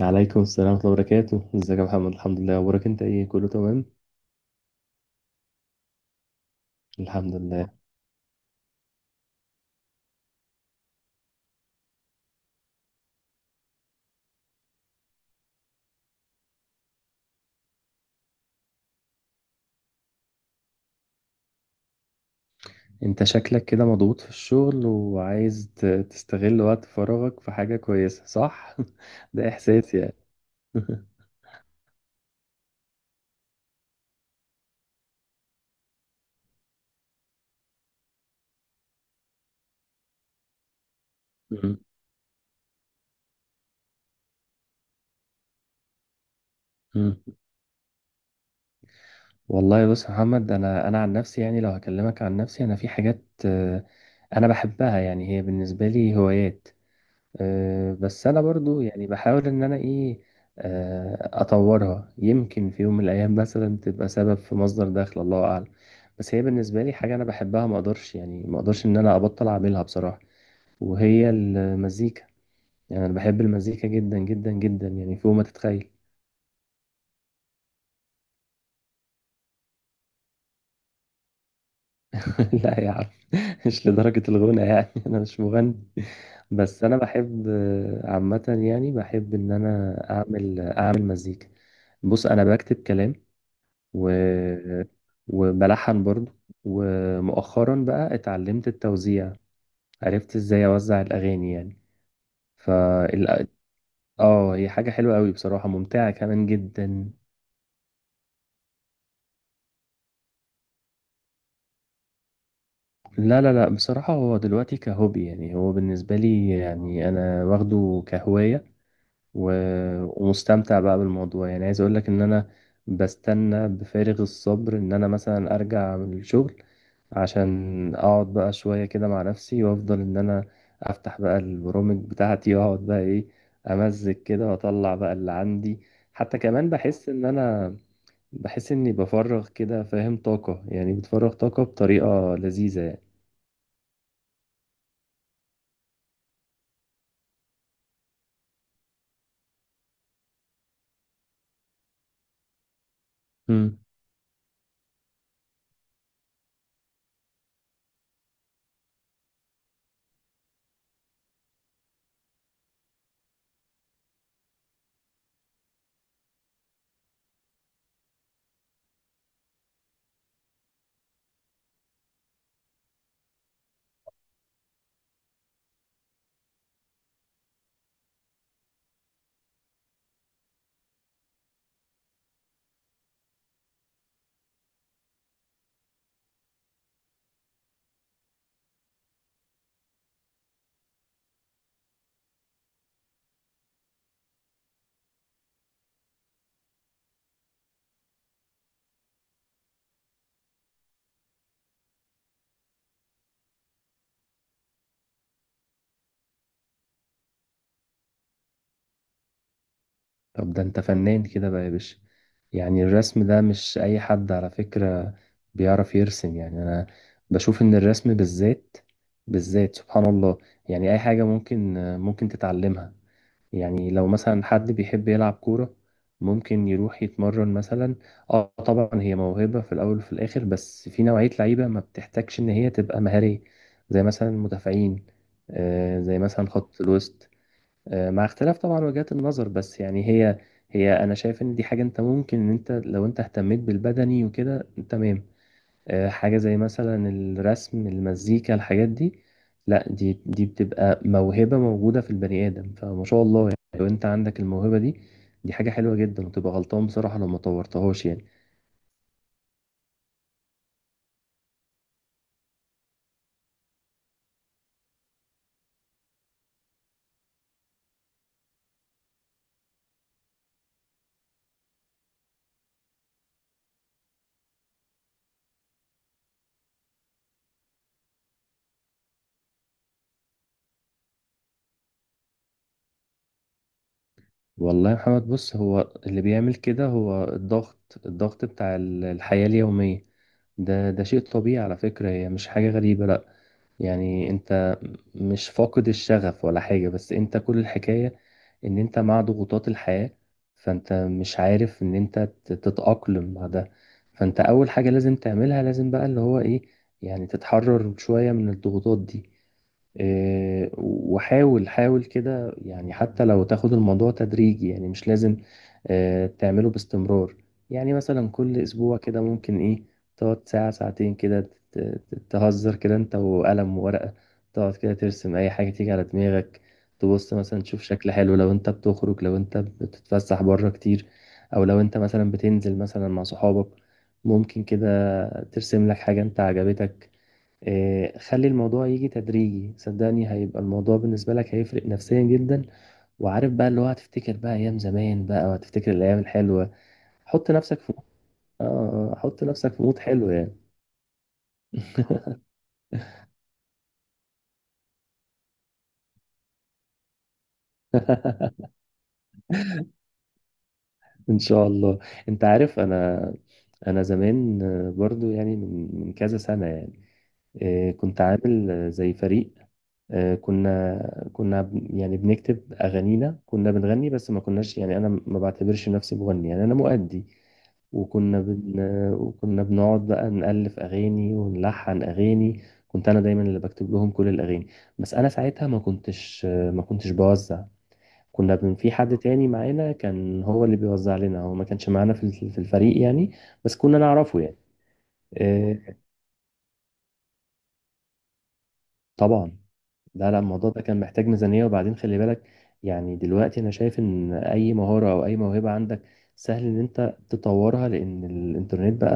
عليكم السلام ورحمة الله وبركاته، ازيك يا محمد؟ الحمد لله. اخبارك انت ايه؟ كله تمام؟ الحمد لله. انت شكلك كده مضغوط في الشغل، وعايز تستغل وقت فراغك في حاجة كويسة، صح؟ ده احساسي يعني. مم. مم. والله بص يا محمد، انا عن نفسي، يعني لو هكلمك عن نفسي انا في حاجات، انا بحبها، يعني هي بالنسبة لي هوايات. بس انا برضو يعني بحاول ان انا ايه، اطورها. يمكن في يوم من الايام مثلا تبقى سبب في مصدر دخل، الله اعلم. بس هي بالنسبه لي حاجه انا بحبها، ما اقدرش، يعني ما اقدرش ان انا ابطل اعملها بصراحه. وهي المزيكا. يعني انا بحب المزيكا جدا جدا جدا، يعني فوق ما تتخيل. لا يا عم، مش لدرجه الغنى يعني. انا مش مغني، بس انا بحب، عامه، يعني بحب ان انا اعمل مزيكا. بص انا بكتب كلام، و... وبلحن برضو، ومؤخرا بقى اتعلمت التوزيع. عرفت ازاي اوزع الاغاني يعني. ف ال- اه، هي حاجة حلوة قوي بصراحة، ممتعة كمان جدا. لا، لا، لا، بصراحة هو دلوقتي كهوبي، يعني هو بالنسبة لي، يعني انا واخده كهواية. ومستمتع بقى بالموضوع، يعني عايز اقول لك ان انا بستنى بفارغ الصبر ان انا مثلا ارجع من الشغل، عشان اقعد بقى شوية كده مع نفسي، وافضل ان انا افتح بقى البرامج بتاعتي، واقعد بقى ايه، امزج كده واطلع بقى اللي عندي. حتى كمان بحس ان انا، بحس اني بفرغ كده، فاهم، طاقة، يعني بتفرغ طاقة بطريقة لذيذة يعني. مم. طب ده انت فنان كده بقى يا باشا. يعني الرسم ده مش أي حد على فكرة بيعرف يرسم يعني. أنا بشوف إن الرسم بالذات، بالذات سبحان الله، يعني أي حاجة ممكن تتعلمها. يعني لو مثلا حد بيحب يلعب كورة، ممكن يروح يتمرن مثلا. اه طبعا هي موهبة في الأول وفي الآخر، بس في نوعية لعيبة ما بتحتاجش إن هي تبقى مهارية، زي مثلا المدافعين، زي مثلا خط الوسط. مع اختلاف طبعا وجهات النظر، بس يعني هي انا شايف ان دي حاجه انت ممكن ان انت لو انت اهتميت بالبدني وكده تمام. حاجه زي مثلا الرسم، المزيكا، الحاجات دي، لا دي بتبقى موهبه موجوده في البني ادم، فما شاء الله، يعني لو انت عندك الموهبه دي، دي حاجه حلوه جدا، وتبقى غلطان بصراحه لو ما طورتهاش يعني. والله يا محمد، بص هو اللي بيعمل كده هو الضغط، الضغط بتاع الحياه اليوميه. ده شيء طبيعي على فكره، هي مش حاجه غريبه، لا. يعني انت مش فاقد الشغف ولا حاجة، بس انت كل الحكاية ان انت مع ضغوطات الحياة، فانت مش عارف ان انت تتأقلم مع ده. فانت اول حاجة لازم تعملها، لازم بقى اللي هو ايه، يعني تتحرر شوية من الضغوطات دي. وحاول حاول كده، يعني حتى لو تاخد الموضوع تدريجي، يعني مش لازم تعمله باستمرار. يعني مثلا كل أسبوع كده ممكن إيه، تقعد ساعة ساعتين كده، تهزر كده أنت وقلم وورقة، تقعد كده ترسم أي حاجة تيجي على دماغك، تبص مثلا تشوف شكل حلو، لو أنت بتخرج، لو أنت بتتفسح بره كتير، أو لو أنت مثلا بتنزل مثلا مع صحابك، ممكن كده ترسم لك حاجة أنت عجبتك. خلي الموضوع يجي تدريجي، صدقني هيبقى الموضوع بالنسبة لك هيفرق نفسيا جدا، وعارف بقى اللي هو، هتفتكر بقى أيام زمان بقى، وهتفتكر الأيام الحلوة. حط نفسك في حط نفسك في مود حلو يعني. إن شاء الله. أنت عارف، أنا زمان، برضو يعني من كذا سنة يعني، كنت عامل، زي فريق، كنا يعني بنكتب أغانينا، كنا بنغني بس ما كناش، يعني أنا ما بعتبرش نفسي مغني، يعني أنا مؤدي. وكنا بن... وكنا بنقعد بقى نألف أغاني ونلحن أغاني. كنت أنا دايما اللي بكتب لهم كل الأغاني. بس أنا ساعتها ما كنتش بوزع. في حد تاني معانا كان هو اللي بيوزع لنا، هو ما كانش معانا في في الفريق يعني، بس كنا نعرفه يعني. آه، طبعا. لا لا، الموضوع ده كان محتاج ميزانية، وبعدين خلي بالك، يعني دلوقتي أنا شايف إن أي مهارة أو أي موهبة عندك سهل إن أنت تطورها، لأن الإنترنت بقى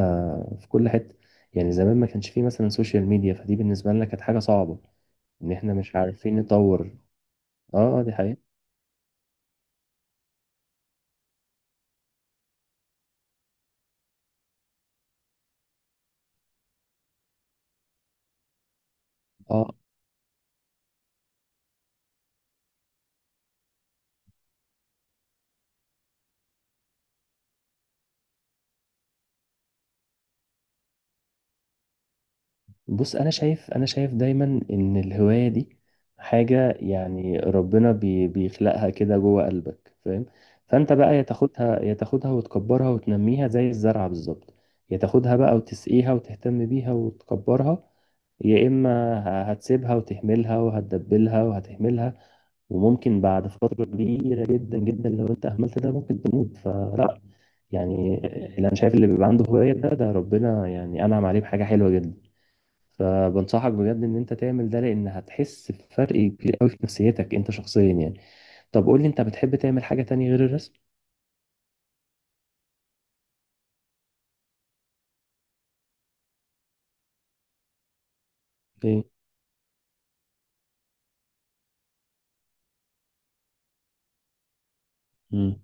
في كل حتة. يعني زمان ما كانش فيه مثلا سوشيال ميديا، فدي بالنسبة لنا كانت حاجة صعبة إن إحنا مش عارفين نطور. دي حقيقة. آه بص، انا شايف دايما ان الهوايه دي حاجه، يعني ربنا بيخلقها كده جوه قلبك، فاهم. فانت بقى يا تاخدها وتكبرها وتنميها زي الزرعه بالظبط، يا تاخدها بقى وتسقيها وتهتم بيها وتكبرها، يا اما هتسيبها وتهملها وهتدبلها وهتهملها. وممكن بعد فتره كبيره جدا جدا، لو انت اهملت ده ممكن تموت، فلا يعني. اللي انا شايف اللي بيبقى عنده هوايه ده ربنا يعني انعم عليه بحاجه حلوه جدا، فبنصحك بجد ان انت تعمل ده، لان هتحس بفرق كبير قوي في نفسيتك انت شخصيا يعني. طب قول لي، انت بتحب تعمل حاجة تانية غير الرسم؟ ايه. امم.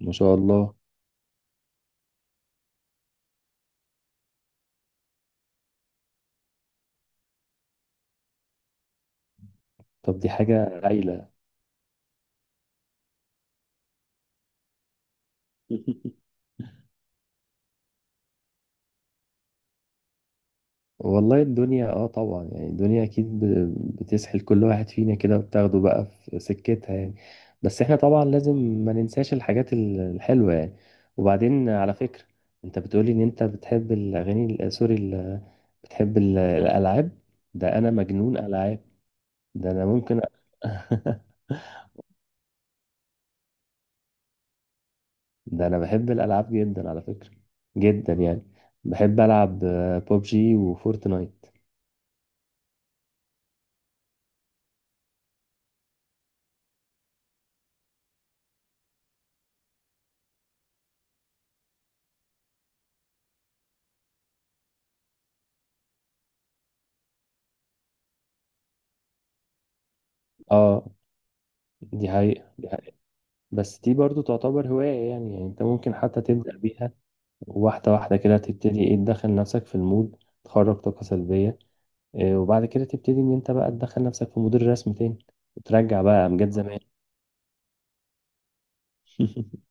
ما شاء الله، طب دي حاجة هايلة. والله الدنيا، طبعا، يعني الدنيا اكيد بتسحل كل واحد فينا كده، وبتاخده بقى في سكتها يعني. بس احنا طبعا لازم ما ننساش الحاجات الحلوة يعني. وبعدين على فكرة، انت بتقولي ان انت بتحب الاغاني سوري بتحب الالعاب، ده انا مجنون العاب. ده انا ممكن ده انا بحب الالعاب جدا على فكرة، جدا يعني. بحب العب ببجي وفورتنايت. اه دي حقيقة، دي حقيقة. بس دي برضو تعتبر هواية يعني انت ممكن حتى تبدأ بيها واحدة واحدة كده، تبتدي ايه، تدخل نفسك في المود، تخرج طاقة سلبية، إيه وبعد كده تبتدي ان انت بقى تدخل نفسك في مود الرسم تاني، وترجع بقى امجاد زمان.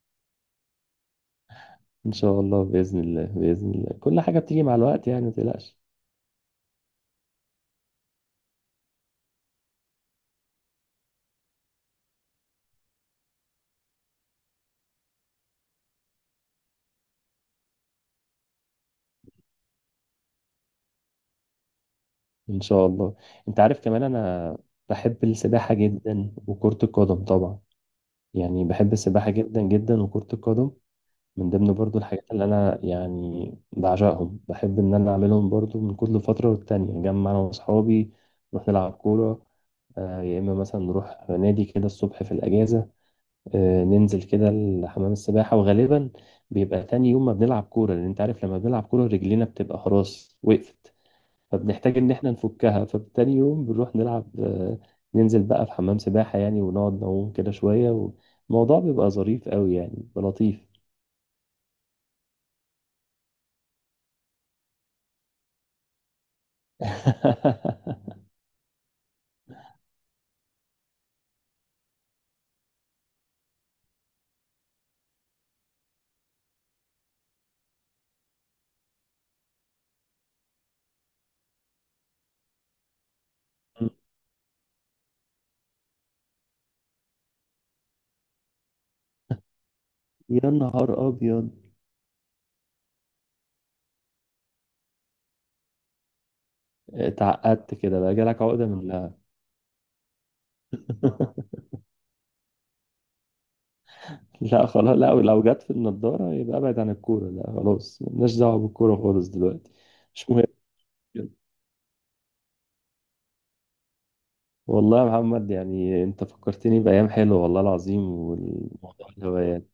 ان شاء الله، بإذن الله بإذن الله، كل حاجة بتيجي مع الوقت، يعني ما تقلقش. ان شاء الله. انت عارف كمان، انا بحب السباحه جدا وكره القدم طبعا. يعني بحب السباحه جدا جدا وكره القدم، من ضمن برضو الحاجات اللي انا يعني بعشقهم، بحب ان انا اعملهم. برضو من كل فتره والتانيه نجمع انا واصحابي نروح نلعب كوره، يا اما مثلا نروح نادي كده الصبح في الاجازه، ننزل كده لحمام السباحه. وغالبا بيبقى تاني يوم ما بنلعب كوره، لان انت عارف لما بنلعب كوره رجلينا بتبقى خلاص وقفت، فبنحتاج ان احنا نفكها. فبتاني يوم بنروح نلعب، ننزل بقى في حمام سباحة يعني، ونقعد نعوم كده شوية، والموضوع بيبقى ظريف قوي، يعني بيبقى لطيف. يا نهار ابيض، اتعقدت كده بقى، جالك عقدة من؟ لا؟ لا خلاص، لا لو جت في النضارة يبقى ابعد عن الكورة، لا خلاص مالناش دعوة بالكورة خالص دلوقتي. مش مهم كده. والله يا محمد، يعني انت فكرتني بأيام حلوة والله العظيم، والموضوع الهوايات.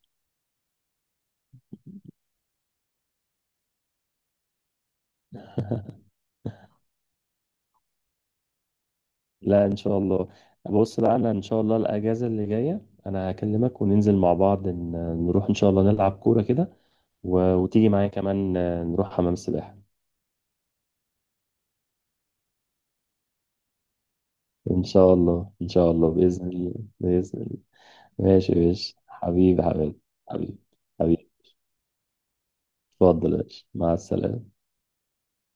لا ان شاء الله، بص بقى انا، ان شاء الله الاجازه اللي جايه انا هكلمك وننزل مع بعض نروح ان شاء الله نلعب كوره كده، وتيجي معايا كمان، نروح حمام السباحه. ان شاء الله ان شاء الله، باذن الله. باذن الله. ماشي يا باشا، حبيبي حبيبي. حبيبي حبيبي. اتفضل يا باشا، مع السلامه.